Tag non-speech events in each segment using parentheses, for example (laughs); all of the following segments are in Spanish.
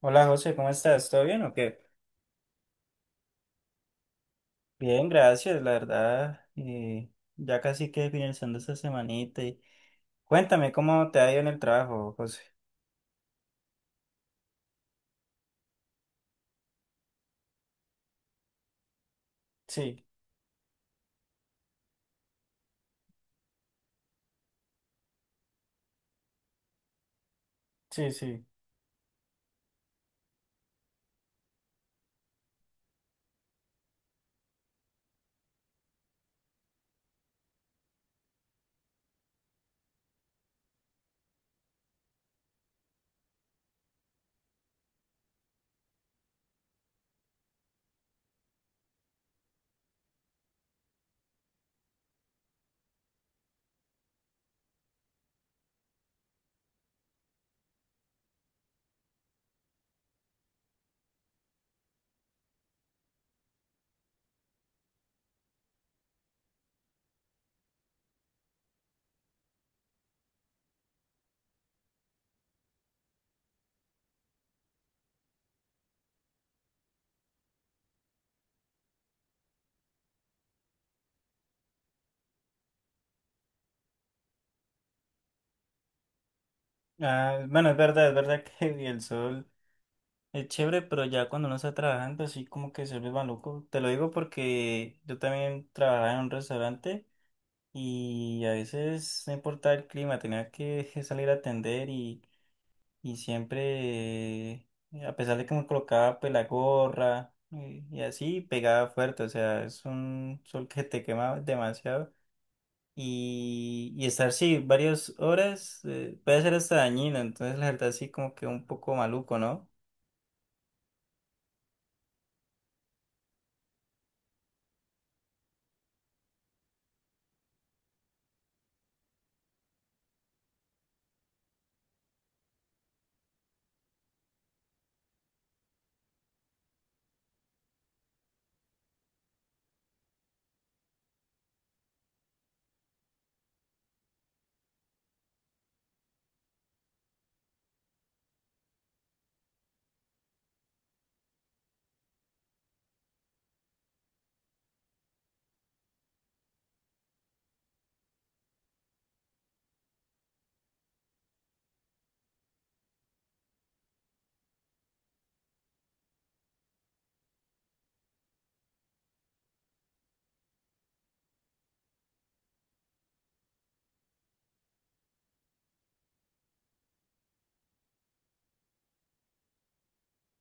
Hola José, ¿cómo estás? ¿Todo bien o qué? Bien, gracias, la verdad. Ya casi que finalizando esta semanita. Cuéntame cómo te ha ido en el trabajo, José. Sí, sí, sí. Ah, bueno, es verdad que (laughs) el sol es chévere, pero ya cuando uno está trabajando así como que se vuelve maluco. Te lo digo porque yo también trabajaba en un restaurante y a veces no importaba el clima, tenía que (laughs) salir a atender y siempre, a pesar de que me colocaba pues la gorra y así, pegaba fuerte, o sea, es un sol que te quema demasiado y estar sí varias horas puede ser hasta dañino, entonces la verdad sí como que un poco maluco, ¿no?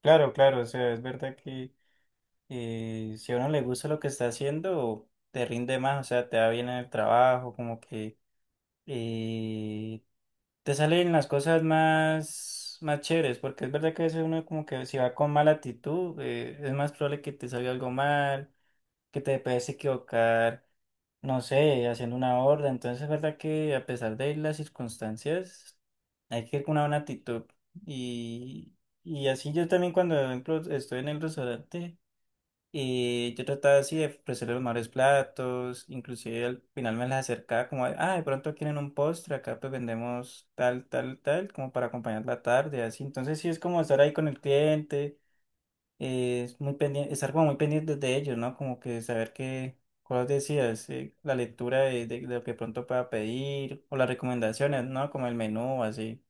Claro, claro, o sea, es verdad que si a uno le gusta lo que está haciendo, te rinde más, o sea, te va bien en el trabajo, como que. eh, Te salen las cosas más chéveres, porque es verdad que a veces uno como que si va con mala actitud, es más probable que te salga algo mal, que te puedes equivocar, no sé, haciendo una orden. Entonces es verdad que a pesar de las circunstancias, hay que ir con una buena actitud. Y, y así yo también cuando, por ejemplo, estoy en el restaurante. Y yo trataba así de ofrecerle los mejores platos, inclusive al final me las acercaba como, ah, de pronto quieren un postre, acá pues vendemos tal, tal, tal, como para acompañar la tarde, así. Entonces sí es como estar ahí con el cliente, es muy pendiente, estar como muy pendiente de ellos, ¿no? Como que saber qué cosas decías, la lectura de lo que pronto pueda pedir, o las recomendaciones, ¿no? Como el menú, así.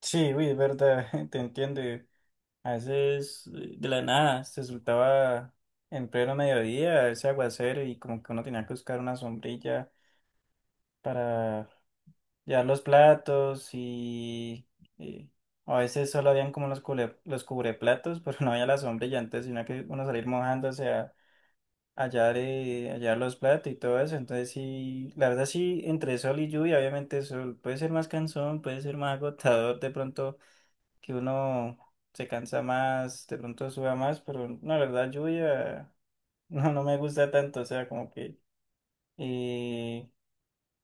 Sí, uy, es verdad, (laughs) te entiendo. A veces de la nada se soltaba en pleno mediodía ese aguacero y como que uno tenía que buscar una sombrilla para llevar los platos y a veces solo habían como los cubreplatos, (laughs) pero no había la sombrilla, entonces tenía que uno salir mojándose a llevar los platos y todo eso. Entonces sí, la verdad sí, entre sol y lluvia, obviamente sol puede ser más cansón, puede ser más agotador de pronto que uno se cansa más, de pronto suda más, pero no, la verdad, lluvia (laughs) no, no me gusta tanto, o sea, como que eh,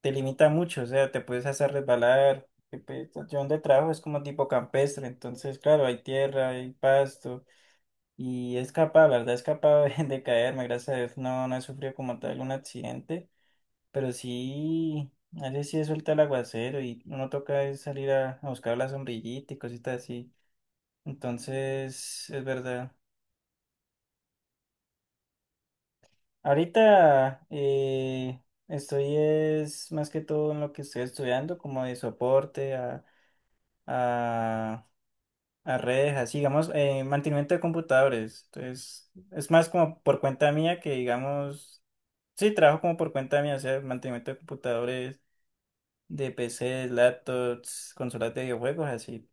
te limita mucho, o sea, te puedes hacer resbalar. Que, pues, yo donde trabajo es como tipo campestre, entonces, claro, hay tierra, hay pasto, y he escapado, la verdad, he escapado (laughs) de caerme, gracias a Dios, no, no he sufrido como tal un accidente, pero sí. A veces sí suelta el aguacero y uno toca es salir a buscar la sombrillita y cositas así. Entonces, es verdad. Ahorita estoy es más que todo en lo que estoy estudiando, como de soporte a, a redes, así digamos, mantenimiento de computadores. Entonces, es más como por cuenta mía que digamos, sí, trabajo como por cuenta mía, o sea, mantenimiento de computadores, de PCs, laptops, consolas de videojuegos, así.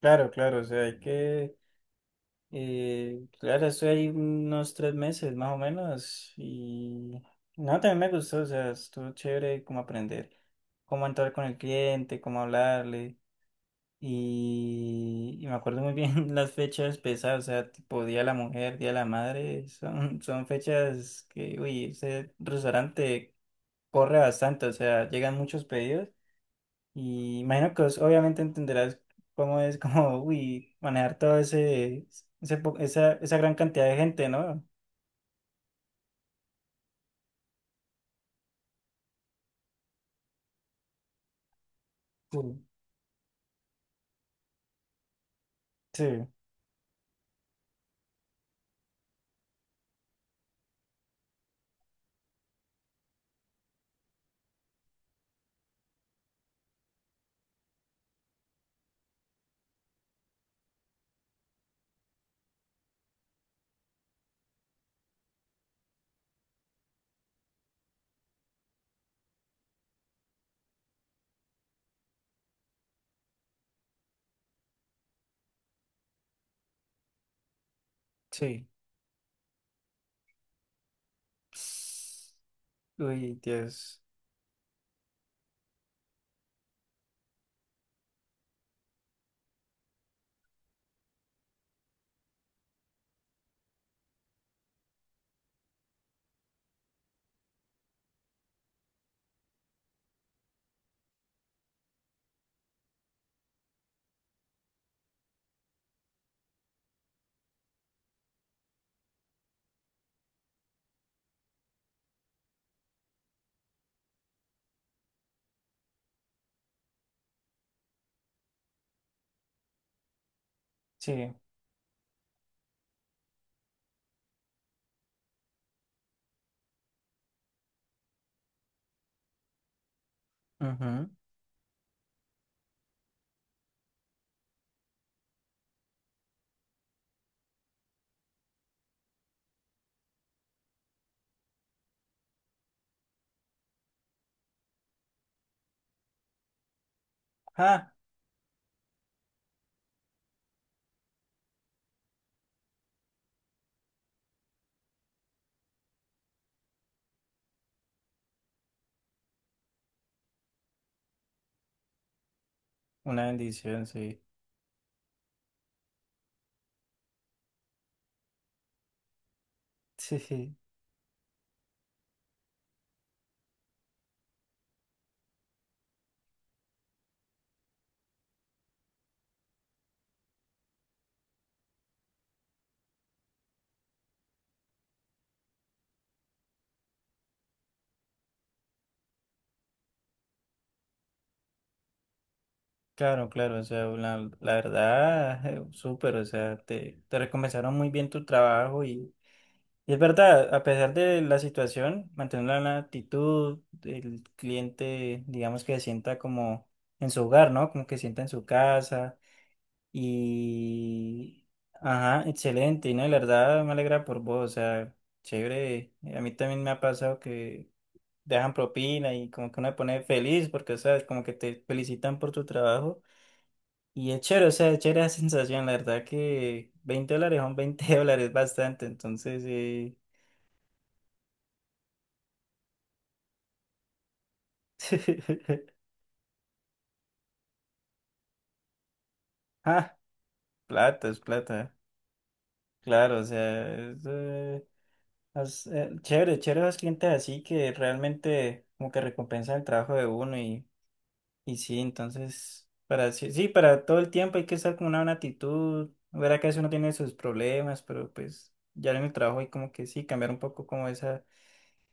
Claro, claro, o sea, hay que claro, estoy ahí unos 3 meses más o menos y no, también me gustó, o sea, estuvo chévere como aprender cómo entrar con el cliente, cómo hablarle y me acuerdo muy bien (laughs) las fechas pesadas, o sea, tipo Día de la Mujer, Día de la Madre, son fechas que, uy, ese restaurante corre bastante, o sea, llegan muchos pedidos y imagino que vos obviamente entenderás cómo es como, (laughs) uy, manejar todo esa gran cantidad de gente, ¿no? Uy, sí, sí. Uy, Dios. Sí. Ujú. Ah, una bendición, sí. Sí, sí. Claro, claro. O sea, la verdad, (laughs) súper. O sea, te recompensaron muy bien tu trabajo. Y es verdad, a pesar de la situación, mantener la actitud, el cliente, digamos que se sienta como en su hogar, ¿no? Como que se sienta en su casa. y... Ajá, excelente, y no, y la verdad me alegra por vos, o sea, chévere. A mí también me ha pasado que dejan propina y como que uno se pone feliz porque, o sea, como que te felicitan por tu trabajo y es chévere, o sea, es chévere (laughs) la sensación, la verdad que $20 son 20 (laughs) dólares bastante, entonces. (laughs) Ah, plata, es plata. Claro, o sea, chévere, chévere los clientes así que realmente como que recompensan el trabajo de uno y sí, entonces, para sí, sí, para todo el tiempo hay que estar con una buena actitud, verá que a veces uno tiene sus problemas, pero pues ya en el trabajo hay como que sí, cambiar un poco como esa,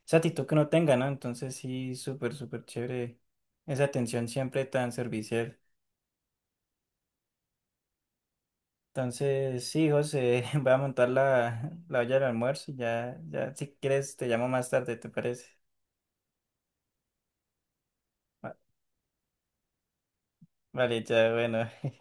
esa actitud que uno tenga, ¿no? Entonces sí, súper, súper chévere esa atención siempre tan servicial. Entonces, sí, José, (laughs) voy a montar la olla del almuerzo. Ya, ya, si quieres, te llamo más tarde, ¿te parece? Va- Vale, ya, bueno.